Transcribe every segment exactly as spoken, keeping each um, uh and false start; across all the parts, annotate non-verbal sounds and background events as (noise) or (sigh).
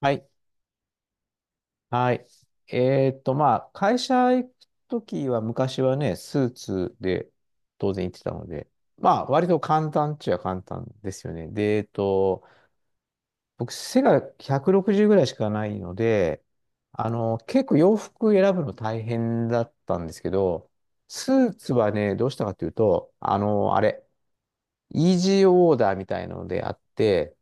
はい。はい。えーっと、まあ、会社行くときは、昔はね、スーツで当然行ってたので、まあ、割と簡単っちゃ簡単ですよね。で、えーっと、僕、背がひゃくろくじゅうぐらいしかないので、あの、結構洋服選ぶの大変だったんですけど、スーツはね、どうしたかというと、あの、あれ、イージーオーダーみたいのであって、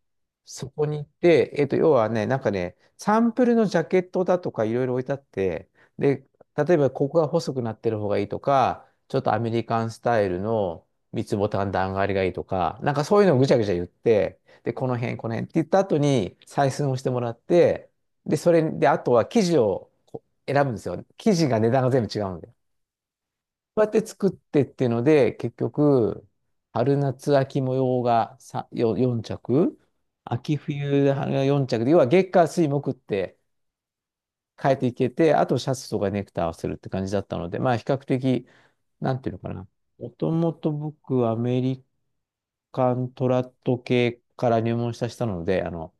そこに行って、えっと、要はね、なんかね、サンプルのジャケットだとかいろいろ置いてあって、で、例えばここが細くなってる方がいいとか、ちょっとアメリカンスタイルの三つボタン段上がりがいいとか、なんかそういうのをぐちゃぐちゃ言って、で、この辺、この辺って言った後に採寸をしてもらって、で、それで、あとは生地をこう選ぶんですよ。生地が値段が全部違うんで。うやって作ってっていうので、結局、春夏秋模様がさよよん着、秋冬がよん着で、要は月火水木って変えていけて、あとシャツとかネクタイ合わせるって感じだったので、まあ比較的、なんていうのかな。もともと僕、アメリカントラット系から入門したしたので、あの、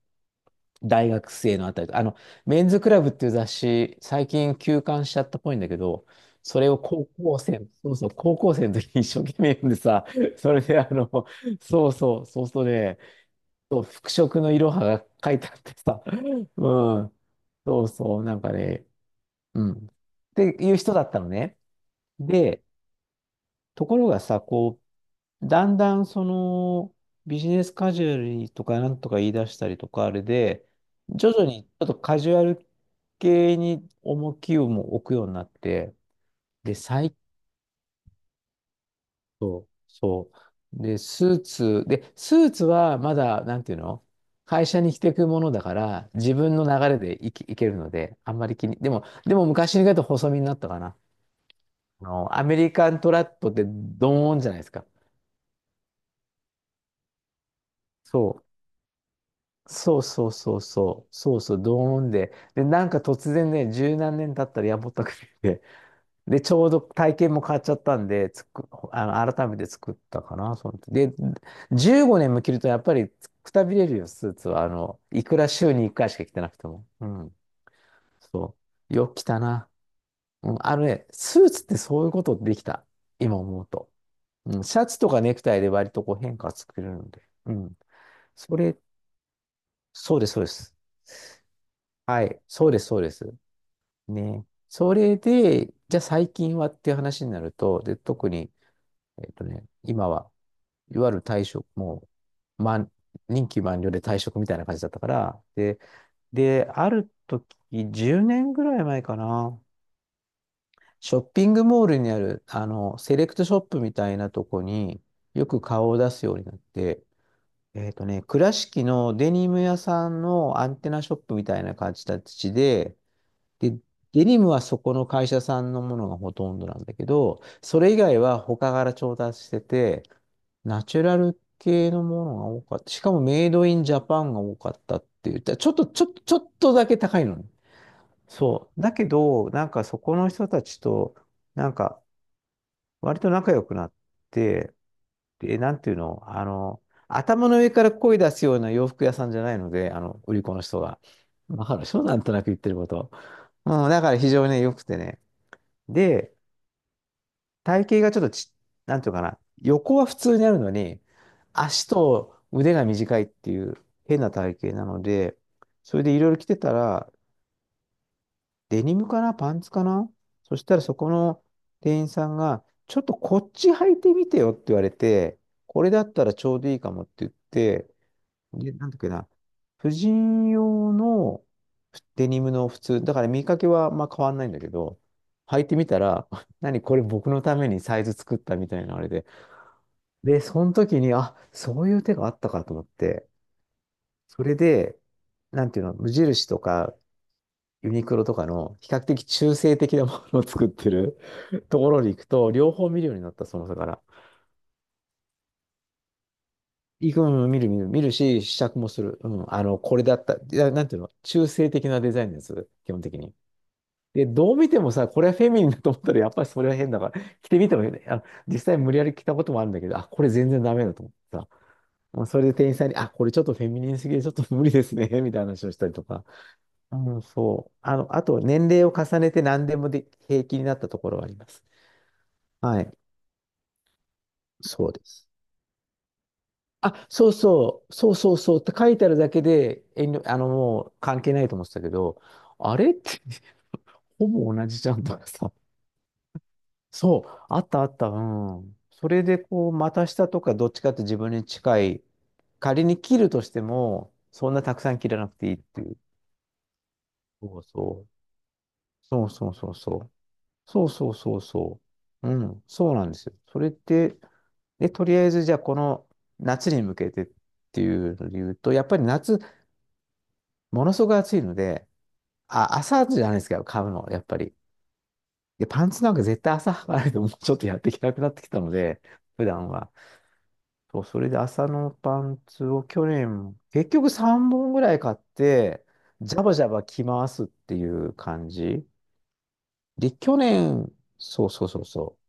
大学生のあたりと、あの、メンズクラブっていう雑誌、最近休刊しちゃったっぽいんだけど、それを高校生、そうそう、高校生の時に一生懸命読んでさ、(laughs) それであの、そうそう、そうそうね、そう、服飾のいろはが書いてあってさ、うん、そうそう、なんかね、うん、っていう人だったのね。で、ところがさ、こう、だんだんそのビジネスカジュアルとかなんとか言い出したりとかあれで、徐々にちょっとカジュアル系に重きをも置くようになって、で、最近、そう。で、スーツ、で、スーツはまだ、なんていうの会社に着ていくものだから、自分の流れでいき、いけるので、あんまり気に、でも、でも昔に比べると細身になったかな。あの、アメリカントラットってドーンじゃないですか。そう。そうそうそうそう、そうそう、ドーンで、で、なんか突然ね、十何年経ったらやぼったくて、で、ちょうど体験も変わっちゃったんで、つく、あの、改めて作ったかな、その時。で、じゅうごねんも着るとやっぱりくたびれるよ、スーツは。あの、いくら週にいっかいしか着てなくても。うん、そう。よく着たな。うん、あのね、スーツってそういうことできた。今思うと。うん、シャツとかネクタイで割とこう変化作れるので。うん。それ、そうです、そうです。はい、そうです、そうです。ね。それで、じゃあ最近はっていう話になると、で、特に、えっとね、今は、いわゆる退職、もう、満、任期満了で退職みたいな感じだったから、で、で、ある時、じゅうねんぐらい前かな、ショッピングモールにある、あの、セレクトショップみたいなとこによく顔を出すようになって、えっとね、倉敷のデニム屋さんのアンテナショップみたいな感じで、で、デニムはそこの会社さんのものがほとんどなんだけど、それ以外は他から調達してて、ナチュラル系のものが多かった。しかもメイドインジャパンが多かったって言ったら。ちょっと、ちょっと、ちょっとだけ高いのね。そう。だけど、なんかそこの人たちと、なんか、割と仲良くなって、で、なんていうの、あの、頭の上から声出すような洋服屋さんじゃないので、あの、売り子の人が。わかるでしょなんとなく言ってること。うん、だから非常にね良くてね。で、体型がちょっとち、なんていうのかな、横は普通にあるのに、足と腕が短いっていう変な体型なので、それでいろいろ着てたら、デニムかなパンツかなそしたらそこの店員さんが、ちょっとこっち履いてみてよって言われて、これだったらちょうどいいかもって言って、で、なんだっけな。婦人用のデニムの普通、だから見かけはまあ変わんないんだけど、履いてみたら、(laughs) 何これ僕のためにサイズ作ったみたいなあれで。で、その時に、あ、そういう手があったかと思って、それで、なんていうの、無印とかユニクロとかの比較的中性的なものを作ってる (laughs) ところに行くと、両方見るようになった、その差から。行くの見る見る見るし、試着もする。うん。あの、これだった。いや、なんていうの中性的なデザインです。基本的に。で、どう見てもさ、これはフェミニンだと思ったら、やっぱりそれは変だから、着てみてもいいね。あの、実際無理やり着たこともあるんだけど、あ、これ全然ダメだと思ってさ。もうそれで店員さんに、あ、これちょっとフェミニンすぎて、ちょっと無理ですね、(laughs) みたいな話をしたりとか。うん、そう。あの、あと、年齢を重ねて何でもで平気になったところはあります。はい。そうです。あ、そうそう、そうそうそうって書いてあるだけで、遠慮、あの、もう関係ないと思ってたけど、あれって (laughs) ほぼ同じじゃんとかさ。そう、あったあった、うん。それでこう、股下とかどっちかって自分に近い、仮に切るとしても、そんなたくさん切らなくていいっていう。そうそう。そうそうそうそう。そうそうそうそう。うん、そうなんですよ。それって、で、とりあえずじゃあこの夏に向けてっていうので言うと、やっぱり夏、ものすごく暑いので、あ、朝じゃないですか、買うの、やっぱり。で、パンツなんか絶対朝履かないともうちょっとやっていけなくなってきたので、普段は。そう、それで朝のパンツを去年、結局さんぼんぐらい買って、ジャバジャバ着回すっていう感じ。で、去年、そうそうそうそう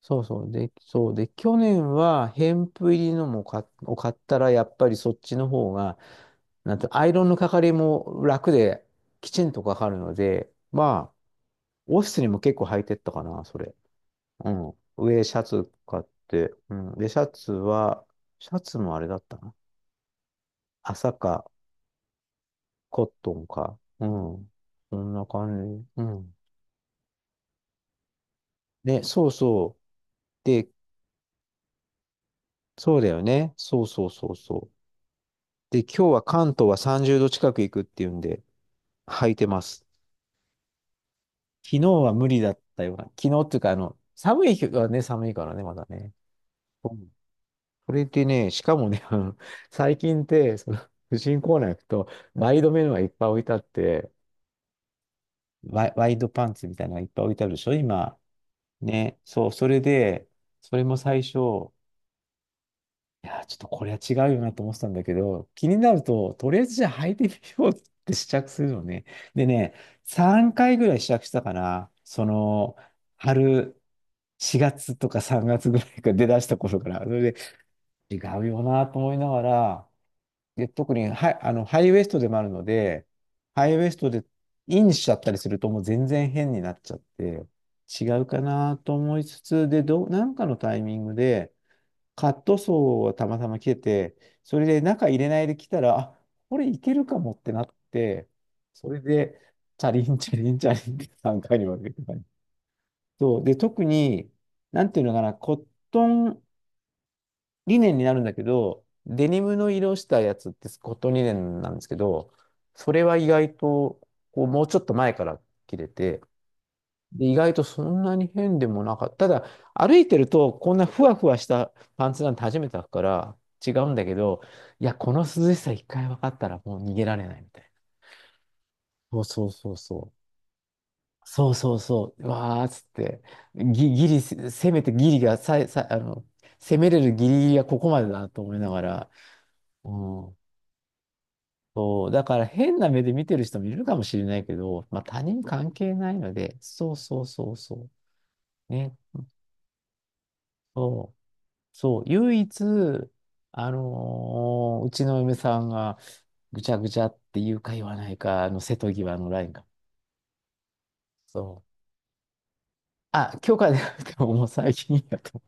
そうそう。で、そう。で、去年は、ヘンプ入りのも買っ、を買ったら、やっぱりそっちの方が、なんと、アイロンのかかりも楽で、きちんとかかるので、まあ、オフィスにも結構履いてったかな、それ。うん。上、シャツ買って、うん。で、シャツは、シャツもあれだったな。朝か、コットンか。うん。そんな感じ。うん。ね、そうそう。で、そうだよね。そうそうそうそう。で、今日は関東はさんじゅうど近く行くっていうんで、履いてます。昨日は無理だったような。昨日っていうか、あの、寒い日はね、寒いからね、まだね。うん。それでね、しかもね、あの、最近って、その、婦人コーナー行くと、ワイドメのがいっぱい置いてあって、ワイ、ワイドパンツみたいなのがいっぱい置いてあるでしょ、今。ね。そう、それで、それも最初、いやー、ちょっとこれは違うよなと思ってたんだけど、気になると、とりあえずじゃあ履いてみようって試着するのね。でね、さんかいぐらい試着したかな。その、春、しがつとかさんがつぐらいから出だした頃から。それで、違うよなと思いながら、で、特にハイ、あの、ハイウエストでもあるので、ハイウエストでインしちゃったりするともう全然変になっちゃって、違うかなと思いつつ、で、どう、なんかのタイミングで、カットソーをたまたま着てて、それで中入れないで来たら、あ、これいけるかもってなって、それで、チャリンチャリンチャリンってさんかいに分けてたね。そう。で、特に、なんていうのかな、コットンリネンになるんだけど、デニムの色したやつってコットンリネンなんですけど、それは意外と、こう、もうちょっと前から着れて、で意外とそんなに変でもなかった。ただ、歩いてると、こんなふわふわしたパンツなんて初めて履くから違うんだけど、いや、この涼しさ一回分かったらもう逃げられないみたいな。そうそうそうそう。そうそうそう。うわーっつって、ギ、ギリ、せめてギリがささあの、攻めれるギリギリがここまでだなと思いながら、うん。そう、だから変な目で見てる人もいるかもしれないけど、まあ他人関係ないので、そうそうそうそう。ね。そうそう、唯一、あのーうちの嫁さんが、ぐちゃぐちゃって言うか言わないか、あの、瀬戸際のラインが。そう。あ、許可でなくてももう最近やと。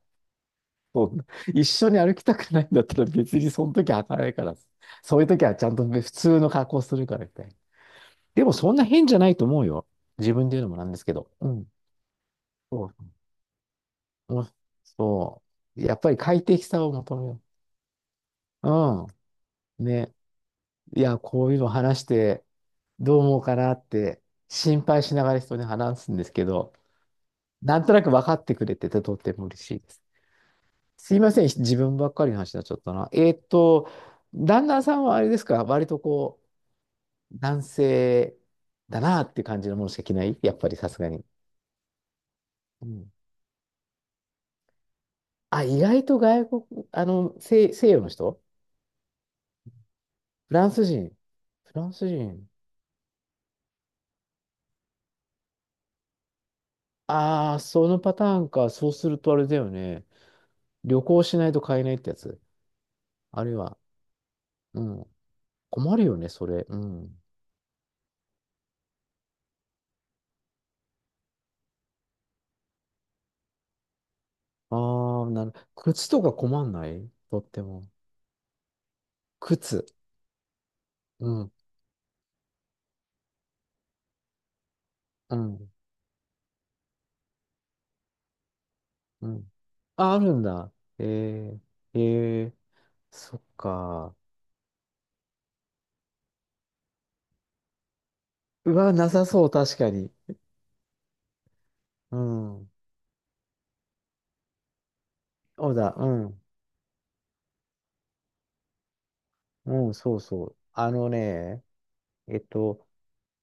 う一緒に歩きたくないんだったら別にその時は履かないから。そういう時はちゃんと普通の格好するからみたいな。でもそんな変じゃないと思うよ。自分で言うのもなんですけど。うん。そう。うんそう。やっぱり快適さを求めよう。うん。ね。いや、こういうの話してどう思うかなって心配しながら人に話すんですけど、なんとなく分かってくれててとっても嬉しいです。すいません、自分ばっかりの話になっちゃったな。えーっと、旦那さんはあれですか、割とこう、男性だなっていう感じのものしか着ないやっぱりさすがに。うん。あ、意外と外国、あの、西、西洋の人、フランス人。フランス人、ああそのパターンか。そうするとあれだよね。旅行しないと買えないってやつ。あるいは、うん。困るよね、それ。うん。ああ、なる。靴とか困んないとっても。靴。うん。うん。うん。あ、あるんだ。えー、えー、そっか。うわ、なさそう、確かに。うん。そうだ、うん。うん、そうそう。あのね、えっと、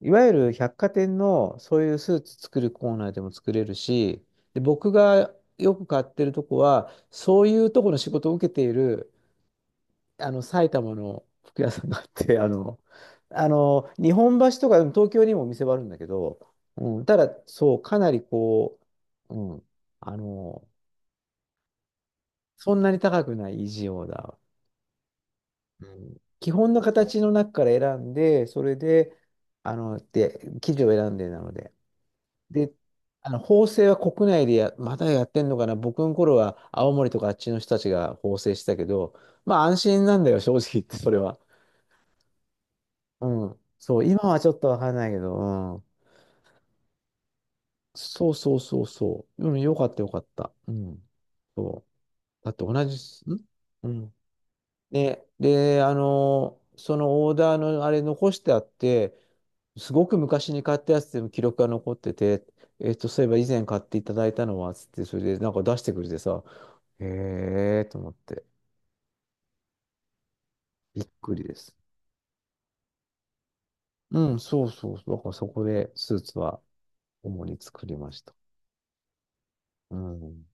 いわゆる百貨店のそういうスーツ作るコーナーでも作れるし、で、僕がよく買ってるとこは、そういうとこの仕事を受けているあの、埼玉の服屋さんがあって、(laughs) あの、あの、日本橋とか、うん東京にもお店はあるんだけど、うん、ただ、そう、かなりこう、うん、あの、そんなに高くない維持だ。うん、基本の形の中から選んで、それで、あの、で、生地を選んでなので。で、あの、縫製は国内でや、まだやってんのかな。僕の頃は青森とかあっちの人たちが縫製したけど、まあ安心なんだよ、正直言って、それは。うん。そう、今はちょっとわかんないけど、うん。そうそうそうそう。うん、よかったよかった。うん。そう。だって同じす、んうん。で、で、あのーそのオーダーのあれ残してあって、すごく昔に買ったやつでも記録が残ってて、えっと、そういえば以前買っていただいたのは、つって、それでなんか出してくれてさ、へえーと思って、びっくりです。うん、そうそうそう。だからそこでスーツは主に作りました。うん。